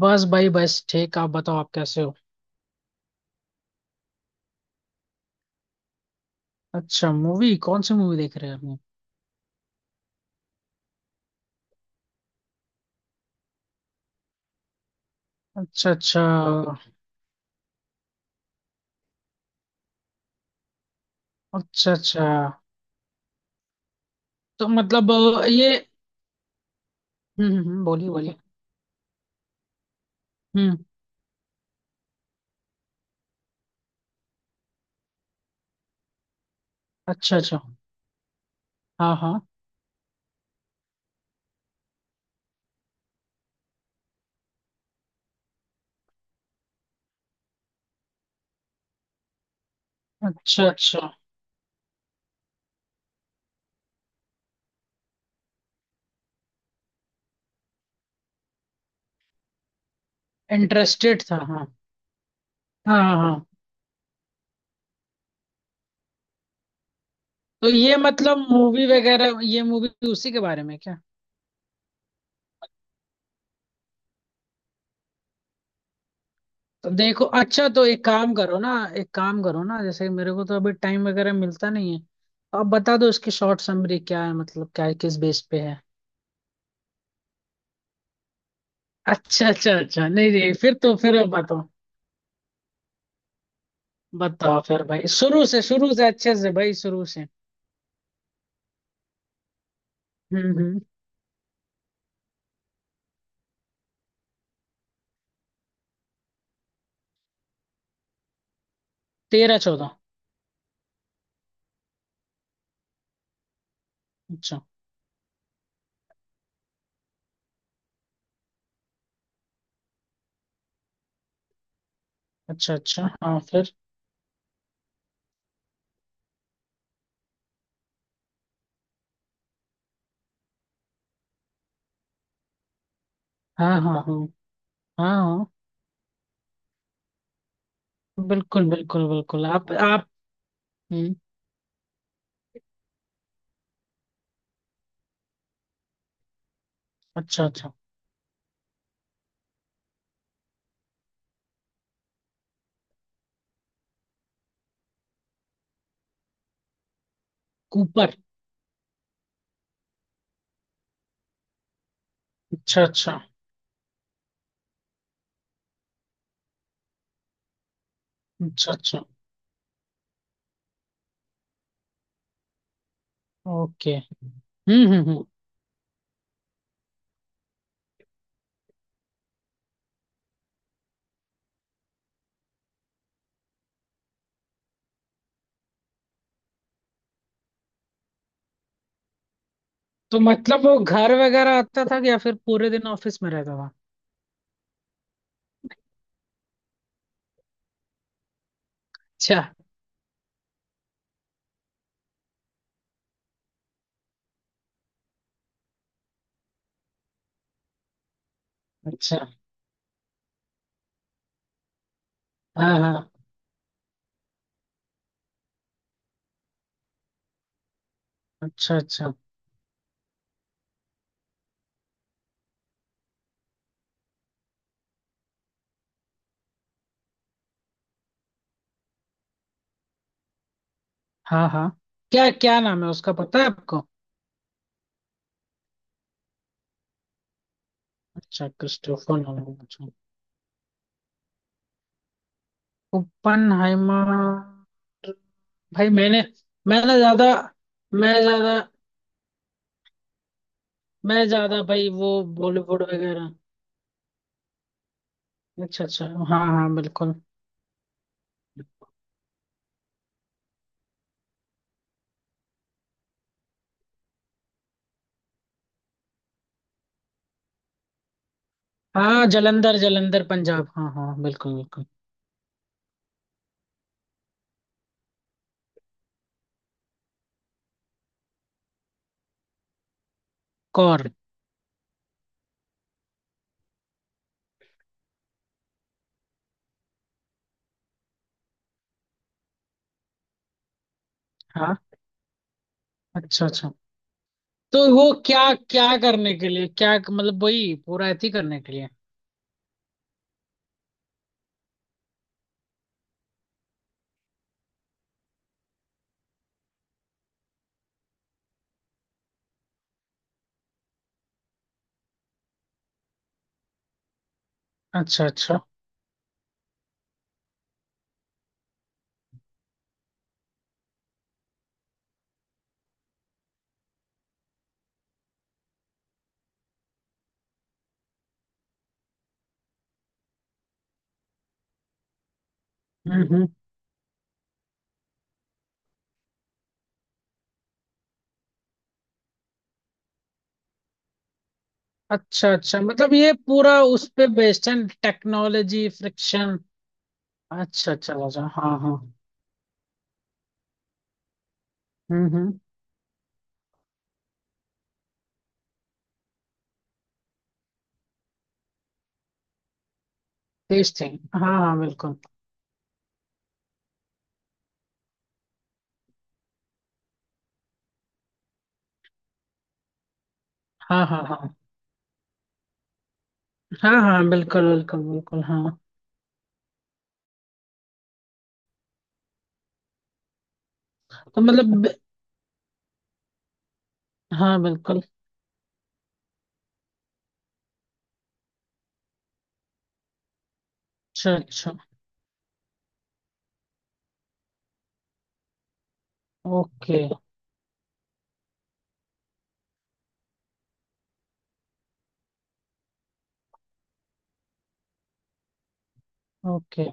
बस भाई, बस ठीक। आप बताओ, आप कैसे हो। अच्छा, मूवी कौन सी मूवी देख रहे हैं आपने। अच्छा, अच्छा। अच्छा, अच्छा। तो मतलब ये। हम्म, हम्म, बोलिए बोलिए। हम्म। अच्छा, अच्छा। हाँ, हाँ। अच्छा, अच्छा। इंटरेस्टेड था, हाँ, हाँ, हाँ, हाँ। तो ये मतलब मूवी वगैरह, ये मूवी उसी के बारे में क्या। तो देखो, अच्छा, तो एक काम करो ना। एक काम करो ना, जैसे मेरे को तो अभी टाइम वगैरह मिलता नहीं है, तो आप बता दो इसकी शॉर्ट समरी क्या है, मतलब क्या है, किस बेस पे है। अच्छा, अच्छा, अच्छा। नहीं, नहीं, फिर तो फिर अब बताओ। बताओ फिर भाई, शुरू से, शुरू से अच्छे से भाई, शुरू से। हम्म, हम्म। तेरह चौदह। अच्छा। अच्छा, अच्छा, हाँ, फिर। हाँ, हाँ, हाँ। हाँ, हाँ, बिल्कुल, बिल्कुल, बिल्कुल, आप। हम्म। अच्छा, अच्छा। कूपर। अच्छा, अच्छा। अच्छा, अच्छा। ओके। हम्म, हम्म, हम्म। तो मतलब वो घर वगैरह आता था कि या फिर पूरे दिन ऑफिस में रहता था। अच्छा। अच्छा हाँ, हाँ। अच्छा अच्छा। हाँ, हाँ। क्या क्या नाम है उसका, पता है आपको। अच्छा, क्रिस्टोफर नॉलन, अच्छा। ओपनहाइमर। भाई मैंने। मैंने ज्यादा। मैं ज्यादा। मैं ज्यादा भाई वो। बॉलीवुड वगैरह। अच्छा, अच्छा, हाँ, हाँ, बिल्कुल। हाँ, जलंधर जलंधर पंजाब, हाँ, हाँ, बिल्कुल, बिल्कुल। कौर। हाँ। अच्छा, अच्छा। तो वो क्या। क्या करने के लिए, क्या मतलब वही पूरा एथी करने के लिए। अच्छा, अच्छा। हम्म, हम्म। अच्छा, अच्छा, मतलब ये पूरा उस पे बेस्ड है। Technology friction. अच्छा, अच्छा, राजा, हाँ, हाँ। हम्म, हम्म। तेज थे। हाँ, हाँ, बिल्कुल। हाँ, हाँ, हाँ। हाँ, हाँ, बिल्कुल, बिल्कुल, बिल्कुल, हाँ। तो मतलब। हाँ, बिल्कुल। अच्छा, अच्छा। ओके। ओके।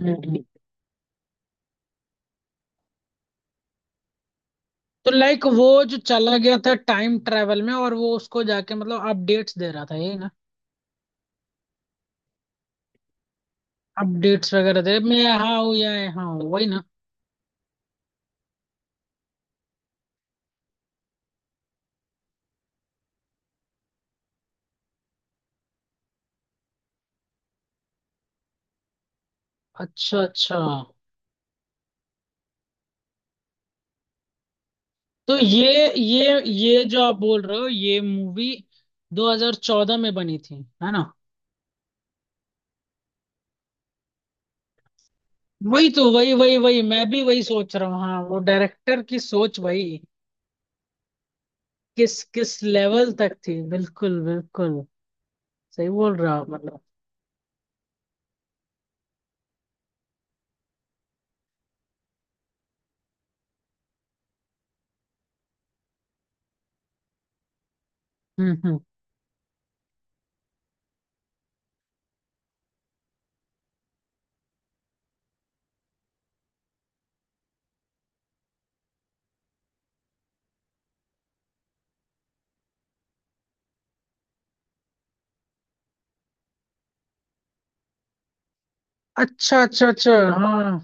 हम्म, तो लाइक वो जो चला गया था टाइम ट्रेवल में, और वो उसको जाके मतलब अपडेट्स दे रहा था ये ना। अपडेट्स वगैरह दे, मैं यहाँ हूँ या यहाँ हूँ, वही ना। अच्छा, अच्छा, तो ये जो आप बोल रहे हो, ये मूवी 2014 में बनी थी, है ना। वही तो वही वही वही, मैं भी वही सोच रहा हूँ, हाँ, वो डायरेक्टर की सोच वही। किस किस लेवल तक थी, बिल्कुल, बिल्कुल। सही बोल रहा हूँ मतलब। हम्म, हम्म। अच्छा, अच्छा, अच्छा, हाँ।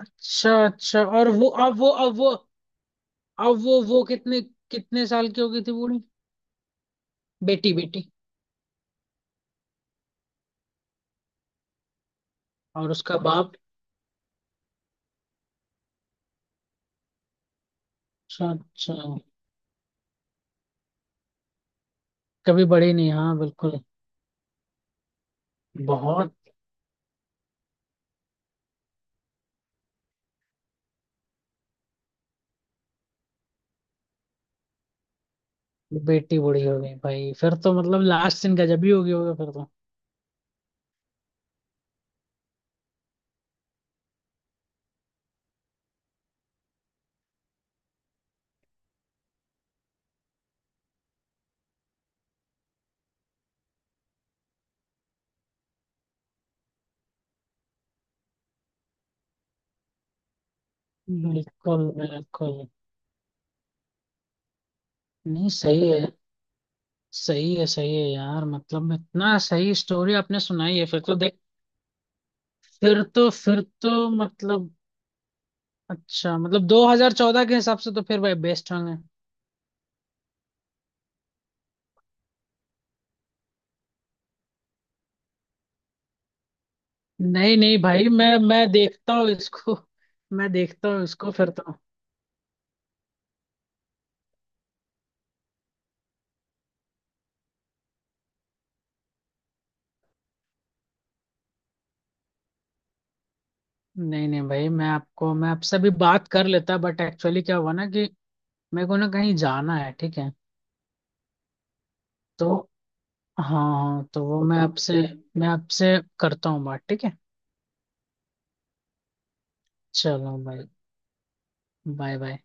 अच्छा, अच्छा, और वो अब वो, अब वो अब वो कितने। कितने साल की हो गई थी बूढ़ी। बेटी बेटी। और उसका बाप। अच्छा, अच्छा, कभी बड़ी नहीं, हाँ, बिल्कुल। बहुत। बेटी बूढ़ी हो गई भाई, फिर तो मतलब लास्ट सीन गजब ही हो गई होगा फिर तो। बिल्कुल, बिल्कुल। नहीं, सही है। सही है, सही है यार, मतलब इतना सही स्टोरी आपने सुनाई है फिर तो देख। फिर तो मतलब। अच्छा, मतलब 2014 के हिसाब से तो फिर भाई बेस्ट होंगे। नहीं, नहीं भाई, मैं देखता हूँ इसको। मैं देखता हूँ इसको फिर तो। नहीं, नहीं भाई, मैं आपसे अभी बात कर लेता बट एक्चुअली क्या हुआ ना कि मेरे को ना कहीं जाना है, ठीक है। तो हाँ, हाँ, तो वो मैं आपसे। मैं आपसे करता हूँ बात, ठीक है। चलो भाई। Bye, bye.